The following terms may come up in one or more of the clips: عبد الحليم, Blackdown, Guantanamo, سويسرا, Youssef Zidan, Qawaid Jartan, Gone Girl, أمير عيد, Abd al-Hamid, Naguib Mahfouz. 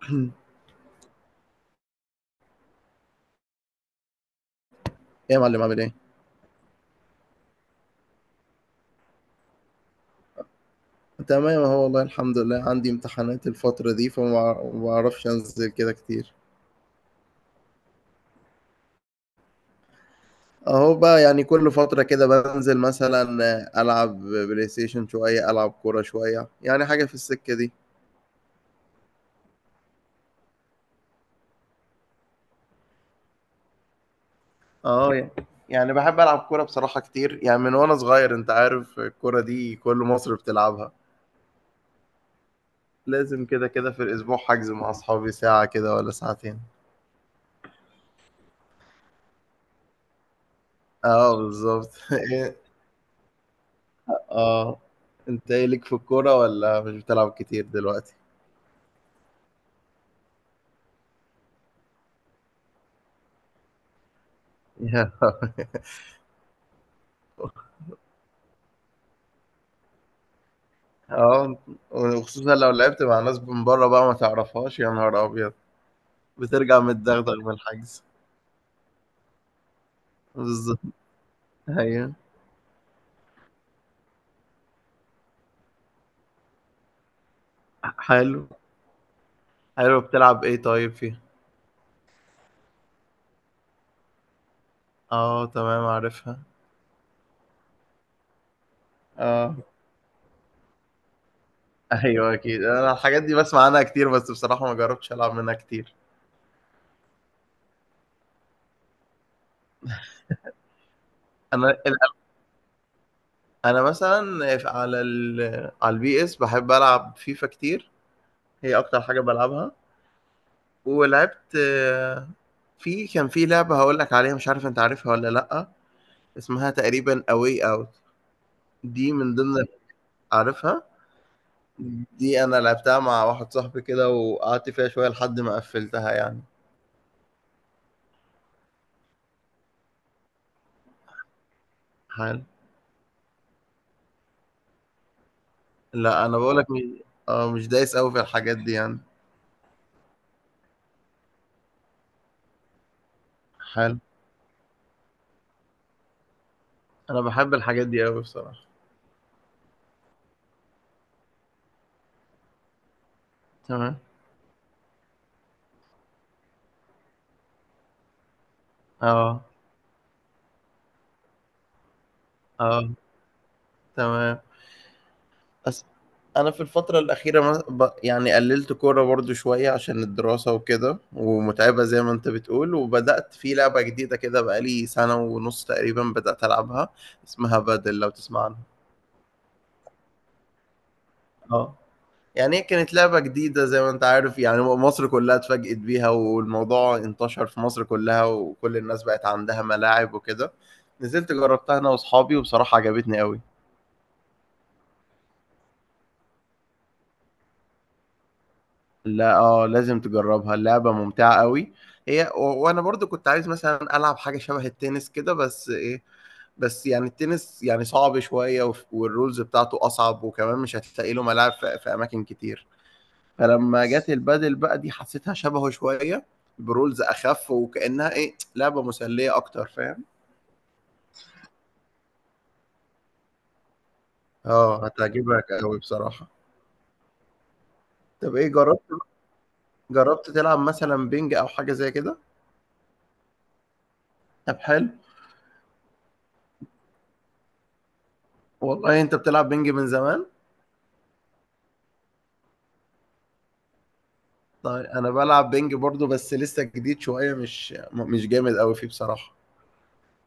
يا معلم، عامل ايه؟ تمام اهو، والله الحمد لله. عندي امتحانات الفترة دي، فما ما بعرفش انزل كده كتير. اهو بقى، يعني كل فترة كده بنزل مثلا، العب بلاي ستيشن شوية، العب كورة شوية، يعني حاجة في السكة دي. اه، يعني بحب العب كورة بصراحة كتير، يعني من وانا صغير. انت عارف الكورة دي كل مصر بتلعبها. لازم كده كده في الاسبوع حجز مع اصحابي ساعة كده ولا ساعتين. اه بالظبط. اه. انت ايه ليك في الكورة، ولا مش بتلعب كتير دلوقتي؟ يا لهوي. اه. وخصوصا لو لعبت مع ناس من بره بقى ما تعرفهاش، يا نهار ابيض، بترجع متدغدغ من الحجز. بالظبط. ايوه. حلو، حلو. بتلعب ايه طيب فيها؟ اه تمام، عارفها. اه. ايوه اكيد، انا الحاجات دي بسمع عنها كتير، بس بصراحة ما جربتش العب منها كتير. انا ال- انا مثلا، على ال... على البي اس بحب العب فيفا كتير، هي اكتر حاجة بلعبها. ولعبت، كان في لعبة هقول لك عليها، مش عارف انت عارفها ولا لأ، اسمها تقريبا اواي اوت. دي من ضمن عارفها. دي انا لعبتها مع واحد صاحبي كده، وقعدت فيها شوية لحد ما قفلتها يعني. حلو. لا انا بقول لك، مش دايس قوي في الحاجات دي يعني. حلو. انا بحب الحاجات دي قوي بصراحة. تمام. اه اه. تمام. بس، انا في الفتره الاخيره يعني قللت كوره برضو شويه عشان الدراسه وكده ومتعبه زي ما انت بتقول، وبدات في لعبه جديده كده بقالي سنه ونص تقريبا بدات العبها، اسمها بادل، لو تسمع عنها. اه. يعني هي كانت لعبه جديده، زي ما انت عارف يعني مصر كلها اتفاجئت بيها والموضوع انتشر في مصر كلها، وكل الناس بقت عندها ملاعب وكده. نزلت جربتها انا واصحابي، وبصراحه عجبتني قوي. لا اه، لازم تجربها، اللعبة ممتعة قوي. وانا برضو كنت عايز مثلا العب حاجة شبه التنس كده، بس ايه، بس يعني التنس يعني صعب شوية، والرولز بتاعته أصعب، وكمان مش هتلاقي له ملاعب في، في أماكن كتير. فلما جت البادل بقى دي، حسيتها شبهه شوية، برولز أخف، وكأنها إيه لعبة مسلية أكتر، فاهم؟ آه هتعجبك أوي بصراحة. طب إيه جربت، جربت تلعب مثلا بينج أو حاجة زي كده؟ طب حلو. والله أنت بتلعب بينج من زمان؟ طيب انا بلعب بينج برضو، بس لسه جديد شويه، مش جامد قوي فيه بصراحه.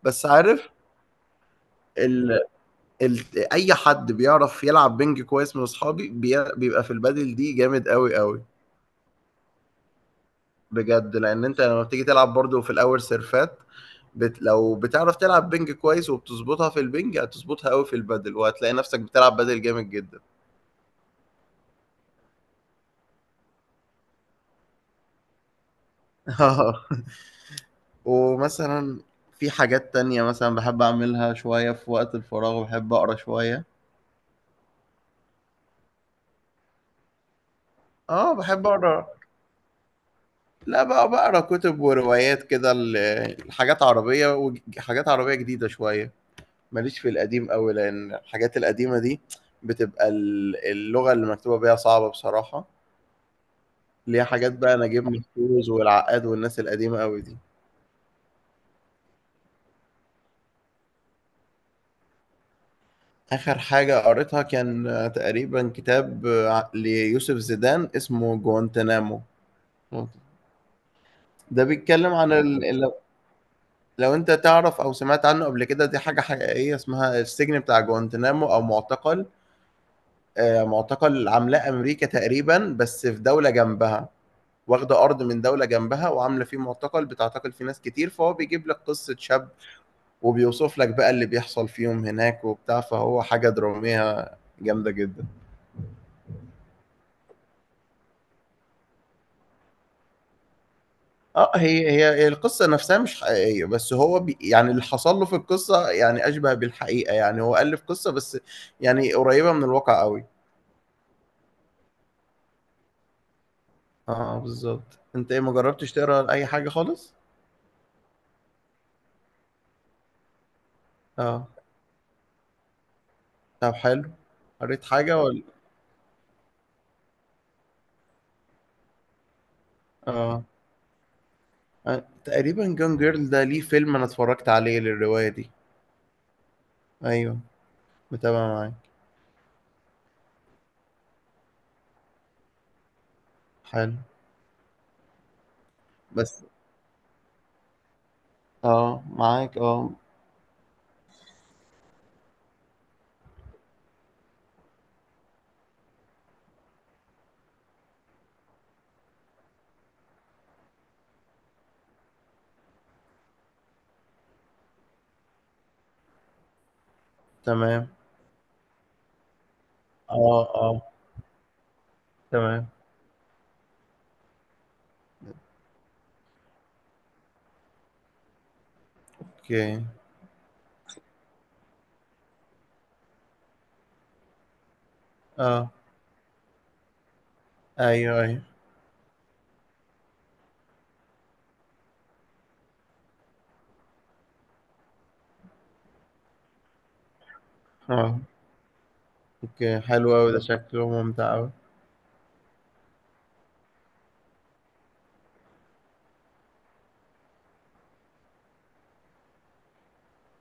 بس عارف، ال... ال... اي حد بيعرف يلعب بينج كويس من اصحابي بيبقى في البادل دي جامد قوي قوي. بجد، لان انت لما بتيجي تلعب برضو في الاول سيرفات، لو بتعرف تلعب بينج كويس وبتظبطها في البينج، هتظبطها قوي في البادل، وهتلاقي نفسك بتلعب بادل جامد جدا. آه. ومثلا في حاجات تانية مثلا بحب أعملها شوية في وقت الفراغ، بحب أقرأ شوية. اه باحب اقرا. لأ بقى، باقرا كتب وروايات كده، لحاجات عربية وج حاجات عربية جديدة شوية، ماليش في القديم أوي، لأن الحاجات القديمة دي بتبقى اللغة اللي مكتوبة بيها صعبة بصراحة، اللي هي حاجات بقى نجيب محفوظ والعقاد والناس القديمة أوي دي. آخر حاجة قريتها كان تقريبًا كتاب ع ليوسف زيدان اسمه جوانتانامو. ده بيتكلم عن ال ال لو أنت تعرف أو سمعت عنه قبل كده، دي حاجة حقيقية اسمها السجن بتاع جوانتانامو أو معتقل. معتقل عاملاه أمريكا تقريبًا، بس في دولة جنبها، واخدة أرض من دولة جنبها وعاملة فيه معتقل بتعتقل فيه ناس كتير، فهو بيجيب لك قصة شاب وبيوصف لك بقى اللي بيحصل فيهم هناك وبتاع، فهو حاجة درامية جامدة جدًا. هي القصة نفسها مش حقيقية، بس هو يعني اللي حصل له في القصة يعني أشبه بالحقيقة، يعني هو ألِّف قصة بس يعني قريبة من الواقع أوي. اه بالظبط. انت ايه، ما جربتش تقرا اي حاجه خالص؟ اه. طب حلو. قريت حاجه ولا؟ اه، آه، تقريبا جون جيرل ده ليه فيلم انا اتفرجت عليه للروايه دي. ايوه، متابع معاك. حلو. بس اه معاك اه. تمام. اه اه. تمام. اوكي. اه ايوه ايوه. اه. اوكي حلو قوي، ده شكله ممتع قوي.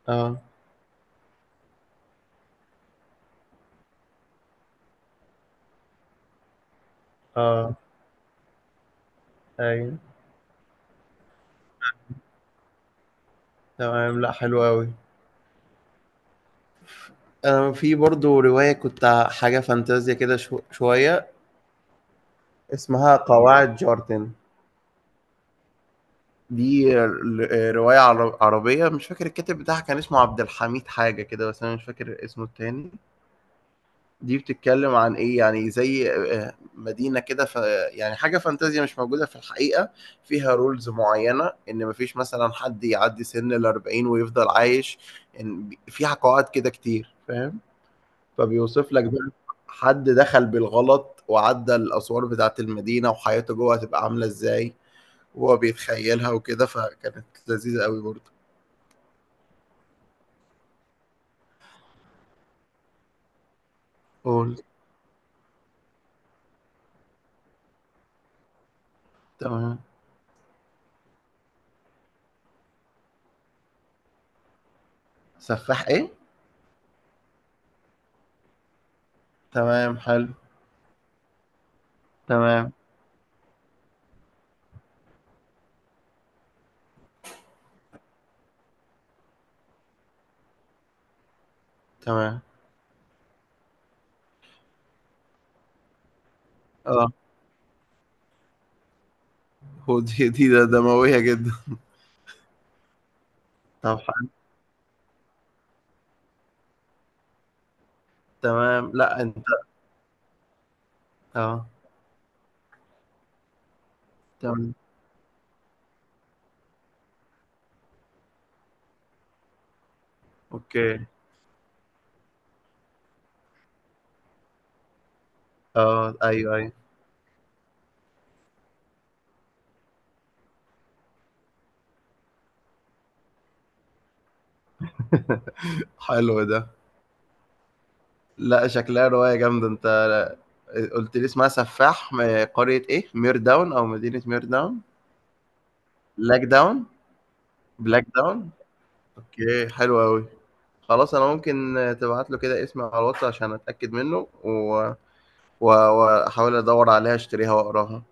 اه اه ايوه. تمام، لا حلو قوي. في برضو رواية كنت حاجة فانتازيا كده شو شوية، اسمها قواعد جارتن. دي رواية عربية، مش فاكر الكاتب بتاعها كان اسمه عبد الحميد حاجة كده، بس أنا مش فاكر اسمه التاني. دي بتتكلم عن إيه، يعني زي مدينة كده ف، يعني حاجة فانتازيا مش موجودة في الحقيقة، فيها رولز معينة إن مفيش مثلا حد يعدي سن 40 ويفضل عايش، إن فيها قواعد كده كتير، فاهم. فبيوصف لك بقى حد دخل بالغلط وعدى الأسوار بتاعة المدينة، وحياته جوه هتبقى عاملة إزاي وهو بيتخيلها وكده، فكانت لذيذة أوي برضه. قول. تمام. سفاح إيه؟ تمام حلو. تمام. تمام. آه هو دي دي ده دموية جدا. طب حلو. تمام، لأ أنت. آه تمام. أوكي. آه أيوه أيوه. حلو ده. لأ شكلها رواية جامدة، أنت قلت لي اسمها سفاح من قرية إيه؟ مير داون أو مدينة مير داون. بلاك داون. بلاك داون. اوكي حلو قوي. خلاص انا ممكن تبعت له كده اسمي على الواتس عشان اتاكد منه، و- واحاول ادور عليها، اشتريها واقراها.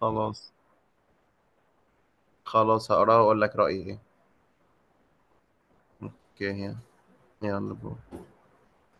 خلاص. خلاص هقراها واقول لك رايي ايه. اوكي. يلا باي.